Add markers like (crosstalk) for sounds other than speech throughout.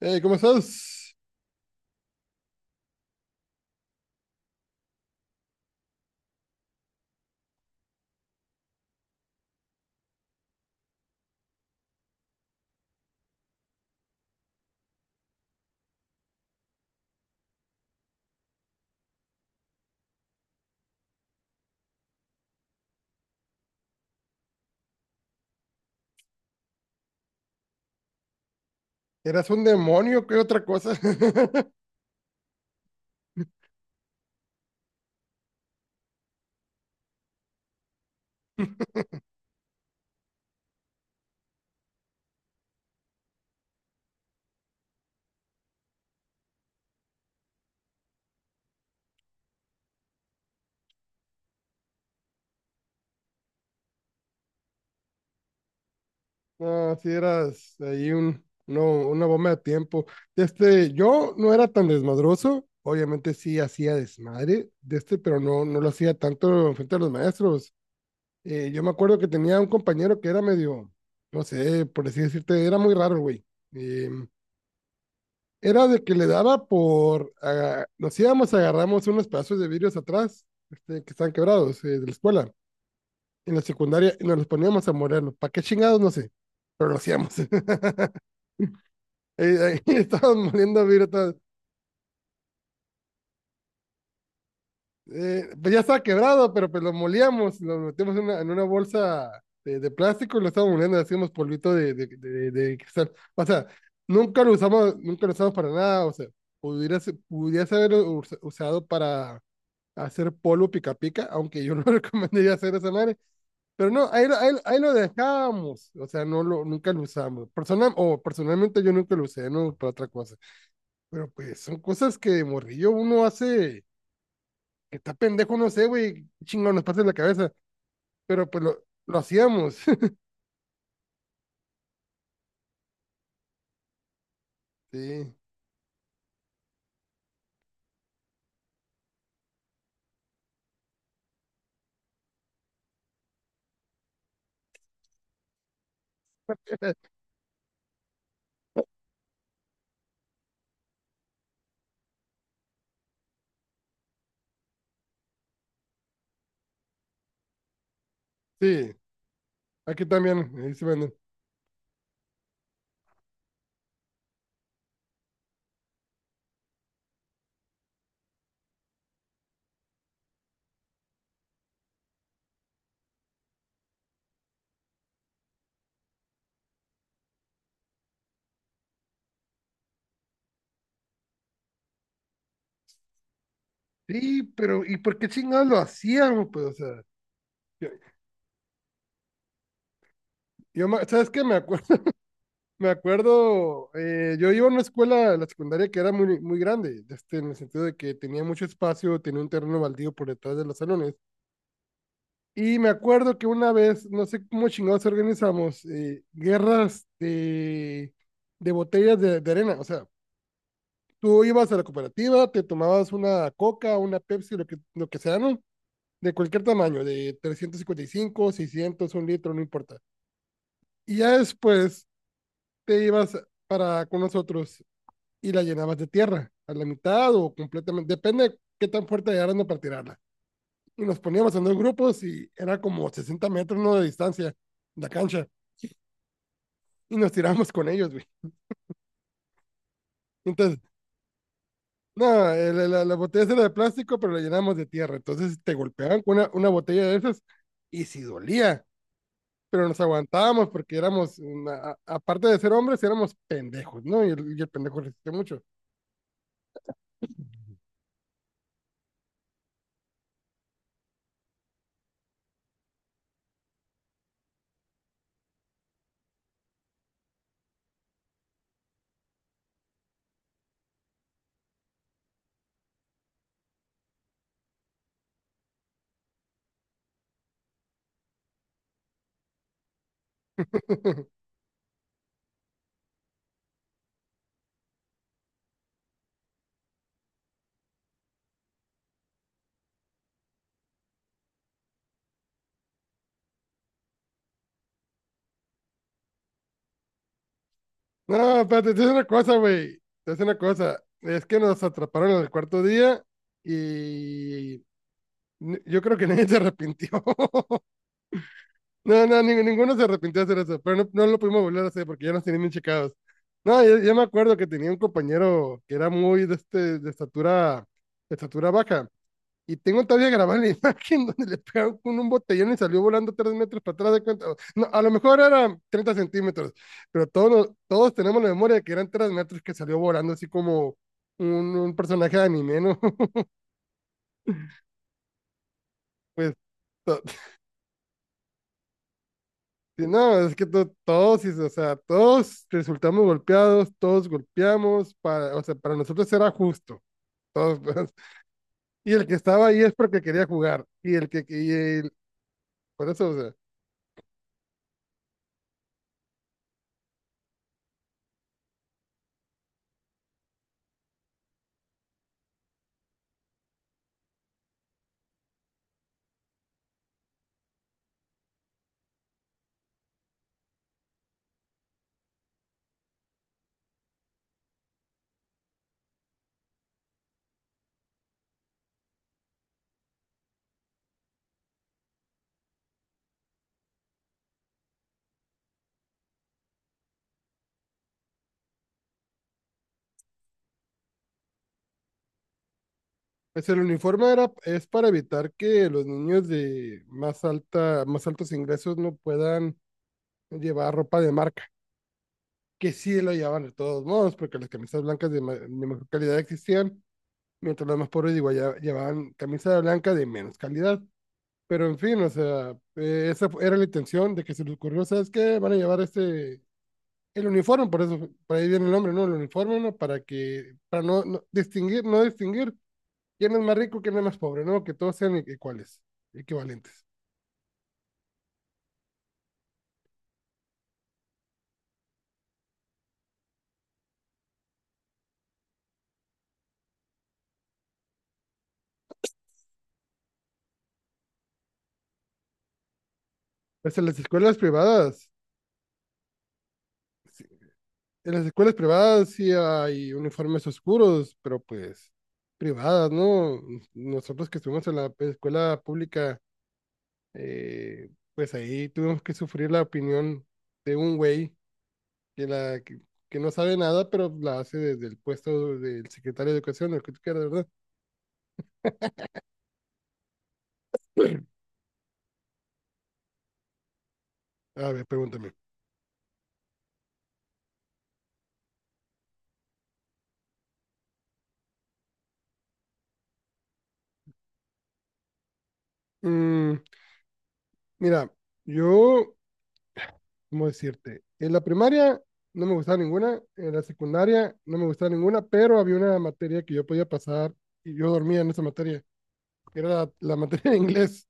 Hey, ¿cómo estás? ¿Eras un demonio? ¿Qué otra cosa? (laughs) No, sí eras ahí un, no, una bomba de tiempo. Yo no era tan desmadroso, obviamente sí hacía desmadre de este, pero no, no lo hacía tanto frente a los maestros. Yo me acuerdo que tenía un compañero que era medio, no sé, por así decirte, era muy raro, güey. Eh, Era de que le daba nos íbamos, agarramos unos pedazos de vidrios atrás, que están quebrados, de la escuela en la secundaria y nos los poníamos a molerlos. ¿Para qué chingados? No sé, pero lo hacíamos. (laughs) Ahí estábamos moliendo virutas. Pues ya estaba quebrado, pero pues lo molíamos, lo metíamos en una bolsa de, plástico y lo estábamos moliendo, le hacíamos polvito de cristal. O sea, nunca lo usamos, nunca lo usamos para nada, o sea, pudiera, pudiera haber usado para hacer polvo pica pica, aunque yo (laughs) no recomendaría hacer esa madre. Pero no, ahí lo dejamos, o sea, nunca lo usamos. Personalmente yo nunca lo usé, no, para otra cosa. Pero pues son cosas que de morrillo uno hace, que está pendejo, no sé, güey, qué chingón, nos pasa en la cabeza. Pero pues lo hacíamos. (laughs) Sí, sí, aquí también, ahí se venden. Sí, pero ¿y por qué chingados lo hacíamos? Pues, o sea, yo, ¿sabes qué? Me acuerdo. Me acuerdo, yo iba a una escuela, la secundaria, que era muy, muy grande, en el sentido de que tenía mucho espacio, tenía un terreno baldío por detrás de los salones. Y me acuerdo que una vez, no sé cómo chingados organizamos, guerras de botellas de arena. O sea, tú ibas a la cooperativa, te tomabas una Coca, una Pepsi, lo que sea, ¿no? De cualquier tamaño, de 355, 600, un litro, no importa. Y ya después te ibas para con nosotros y la llenabas de tierra, a la mitad o completamente, depende de qué tan fuerte eran para tirarla. Y nos poníamos en dos grupos y era como 60 metros, ¿no?, de distancia la cancha y nos tiramos con ellos, güey. Entonces, no, la botella era de plástico, pero la llenamos de tierra. Entonces te golpeaban con una botella de esas y si dolía, pero nos aguantábamos porque éramos, aparte de ser hombres, éramos pendejos, ¿no? Y el pendejo resiste mucho. (laughs) No, espérate, te voy a decir una cosa, güey. Te voy a decir una cosa. Es que nos atraparon en el cuarto día y yo creo que (laughs) nadie se arrepintió. (laughs) No, no, ninguno se arrepintió de hacer eso, pero no lo pudimos volver a hacer porque ya nos tenían bien checados. No, yo me acuerdo que tenía un compañero que era muy de, de estatura baja. Y tengo todavía grabada la (laughs) imagen donde le pegaron con un botellón y salió volando 3 metros para atrás de cuenta. No, a lo mejor eran 30 centímetros, pero todos, todos tenemos la memoria de que eran 3 metros que salió volando así como un personaje de anime, ¿no? (laughs) Pues, to- sí, no, es que todos, sí, o sea, todos resultamos golpeados, todos golpeamos, para, o sea, para nosotros era justo, todos, (laughs) pues, y el que estaba ahí es porque quería jugar, y el que, y el- por eso, o sea. Pues el uniforme era, es para evitar que los niños de más altos ingresos no puedan llevar ropa de marca, que sí lo llevaban de todos modos, porque las camisas blancas de mejor calidad existían, mientras los más pobres igual llevaban camisa blanca de menos calidad. Pero en fin, o sea, esa era la intención de que se les ocurrió, ¿sabes qué? Van a llevar el uniforme, por eso, por ahí viene el nombre, ¿no? El uniforme, ¿no? Para no distinguir, no distinguir quién es más rico, quién es más pobre, ¿no? Que todos sean iguales, equivalentes. Pues en las escuelas privadas, sí, en las escuelas privadas sí hay uniformes oscuros, pero pues privadas, ¿no? Nosotros que estuvimos en la escuela pública, pues ahí tuvimos que sufrir la opinión de un güey que, la, que, que no sabe nada, pero la hace desde el puesto del secretario de Educación, el que tú quieras, ¿verdad? (clears throat) A ver, pregúntame. Mm, Mira, yo, ¿cómo decirte? En la primaria no me gustaba ninguna, en la secundaria no me gustaba ninguna, pero había una materia que yo podía pasar y yo dormía en esa materia, era la, (laughs) la materia de inglés.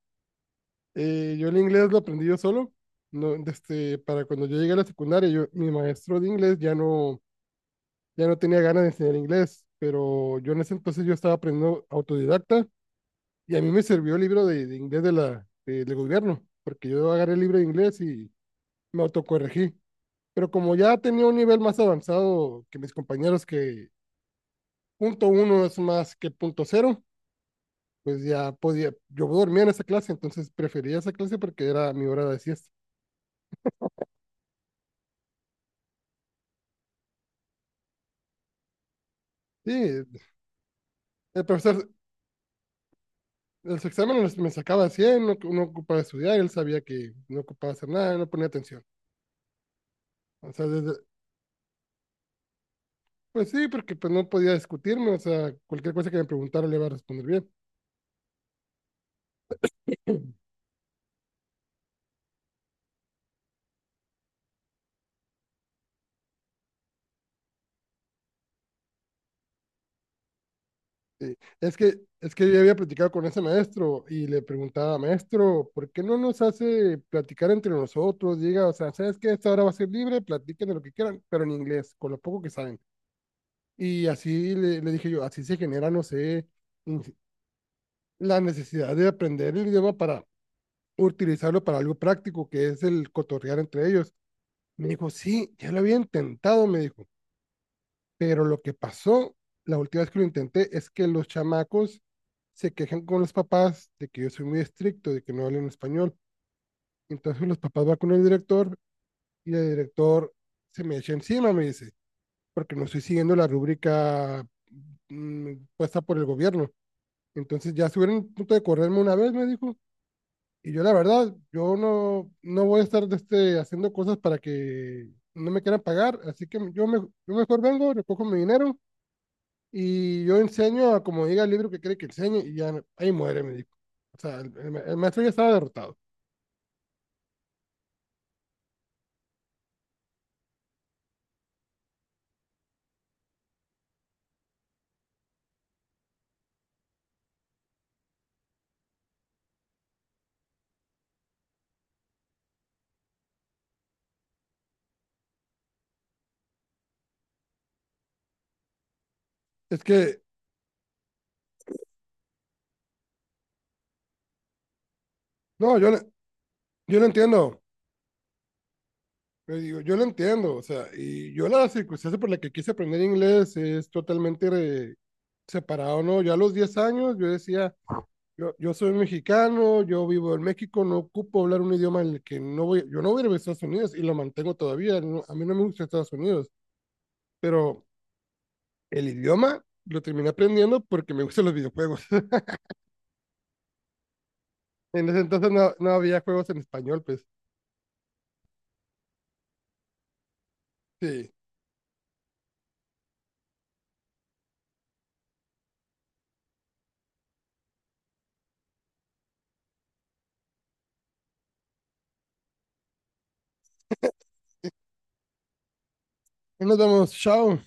Yo el inglés lo aprendí yo solo, no, este, para cuando yo llegué a la secundaria, mi maestro de inglés ya no tenía ganas de enseñar inglés, pero yo en ese entonces yo estaba aprendiendo autodidacta y a mí me sirvió el libro de inglés de del gobierno, porque yo agarré el libro de inglés y me autocorregí. Pero como ya tenía un nivel más avanzado que mis compañeros, que punto uno es más que punto cero, pues ya podía, yo dormía en esa clase, entonces prefería esa clase porque era mi hora de siesta. Sí, el profesor, los exámenes me sacaba 100, no ocupaba estudiar, él sabía que no ocupaba hacer nada, no ponía atención. O sea, desde, pues sí, porque pues no podía discutirme, o sea, cualquier cosa que me preguntara le iba a responder bien. Sí, es que yo había platicado con ese maestro y le preguntaba, maestro, ¿por qué no nos hace platicar entre nosotros? Diga, o sea, ¿sabes qué? Esta hora va a ser libre, platiquen de lo que quieran, pero en inglés, con lo poco que saben. Y así le dije yo, así se genera, no sé, in- la necesidad de aprender el idioma para utilizarlo para algo práctico, que es el cotorrear entre ellos. Me dijo, sí, ya lo había intentado, me dijo. Pero lo que pasó la última vez que lo intenté es que los chamacos se quejan con los papás de que yo soy muy estricto, de que no hablan español. Entonces los papás van con el director y el director se me echa encima, me dice, porque no estoy siguiendo la rúbrica, puesta por el gobierno. Entonces ya estuvieron a punto de correrme una vez, me dijo. Y yo la verdad, yo no, no voy a estar de este, haciendo cosas para que no me quieran pagar, así que yo, me, yo mejor vengo, recojo mi dinero y yo enseño a como diga el libro que cree que enseñe, y ya ahí muere, me dijo. O sea, el maestro ya estaba derrotado. Es que, no, yo, le- Yo lo entiendo. Le digo, yo lo entiendo. O sea, y yo la circunstancia por la que quise aprender inglés es totalmente separado, ¿no? Yo a los 10 años yo decía, yo soy mexicano, yo vivo en México, no ocupo hablar un idioma en el que no voy, yo no voy a ir a Estados Unidos, y lo mantengo todavía. A mí no me gusta Estados Unidos, pero el idioma lo terminé aprendiendo porque me gustan los videojuegos. (laughs) En ese entonces no, no había juegos en español, pues. Sí. Nos vemos. Chao.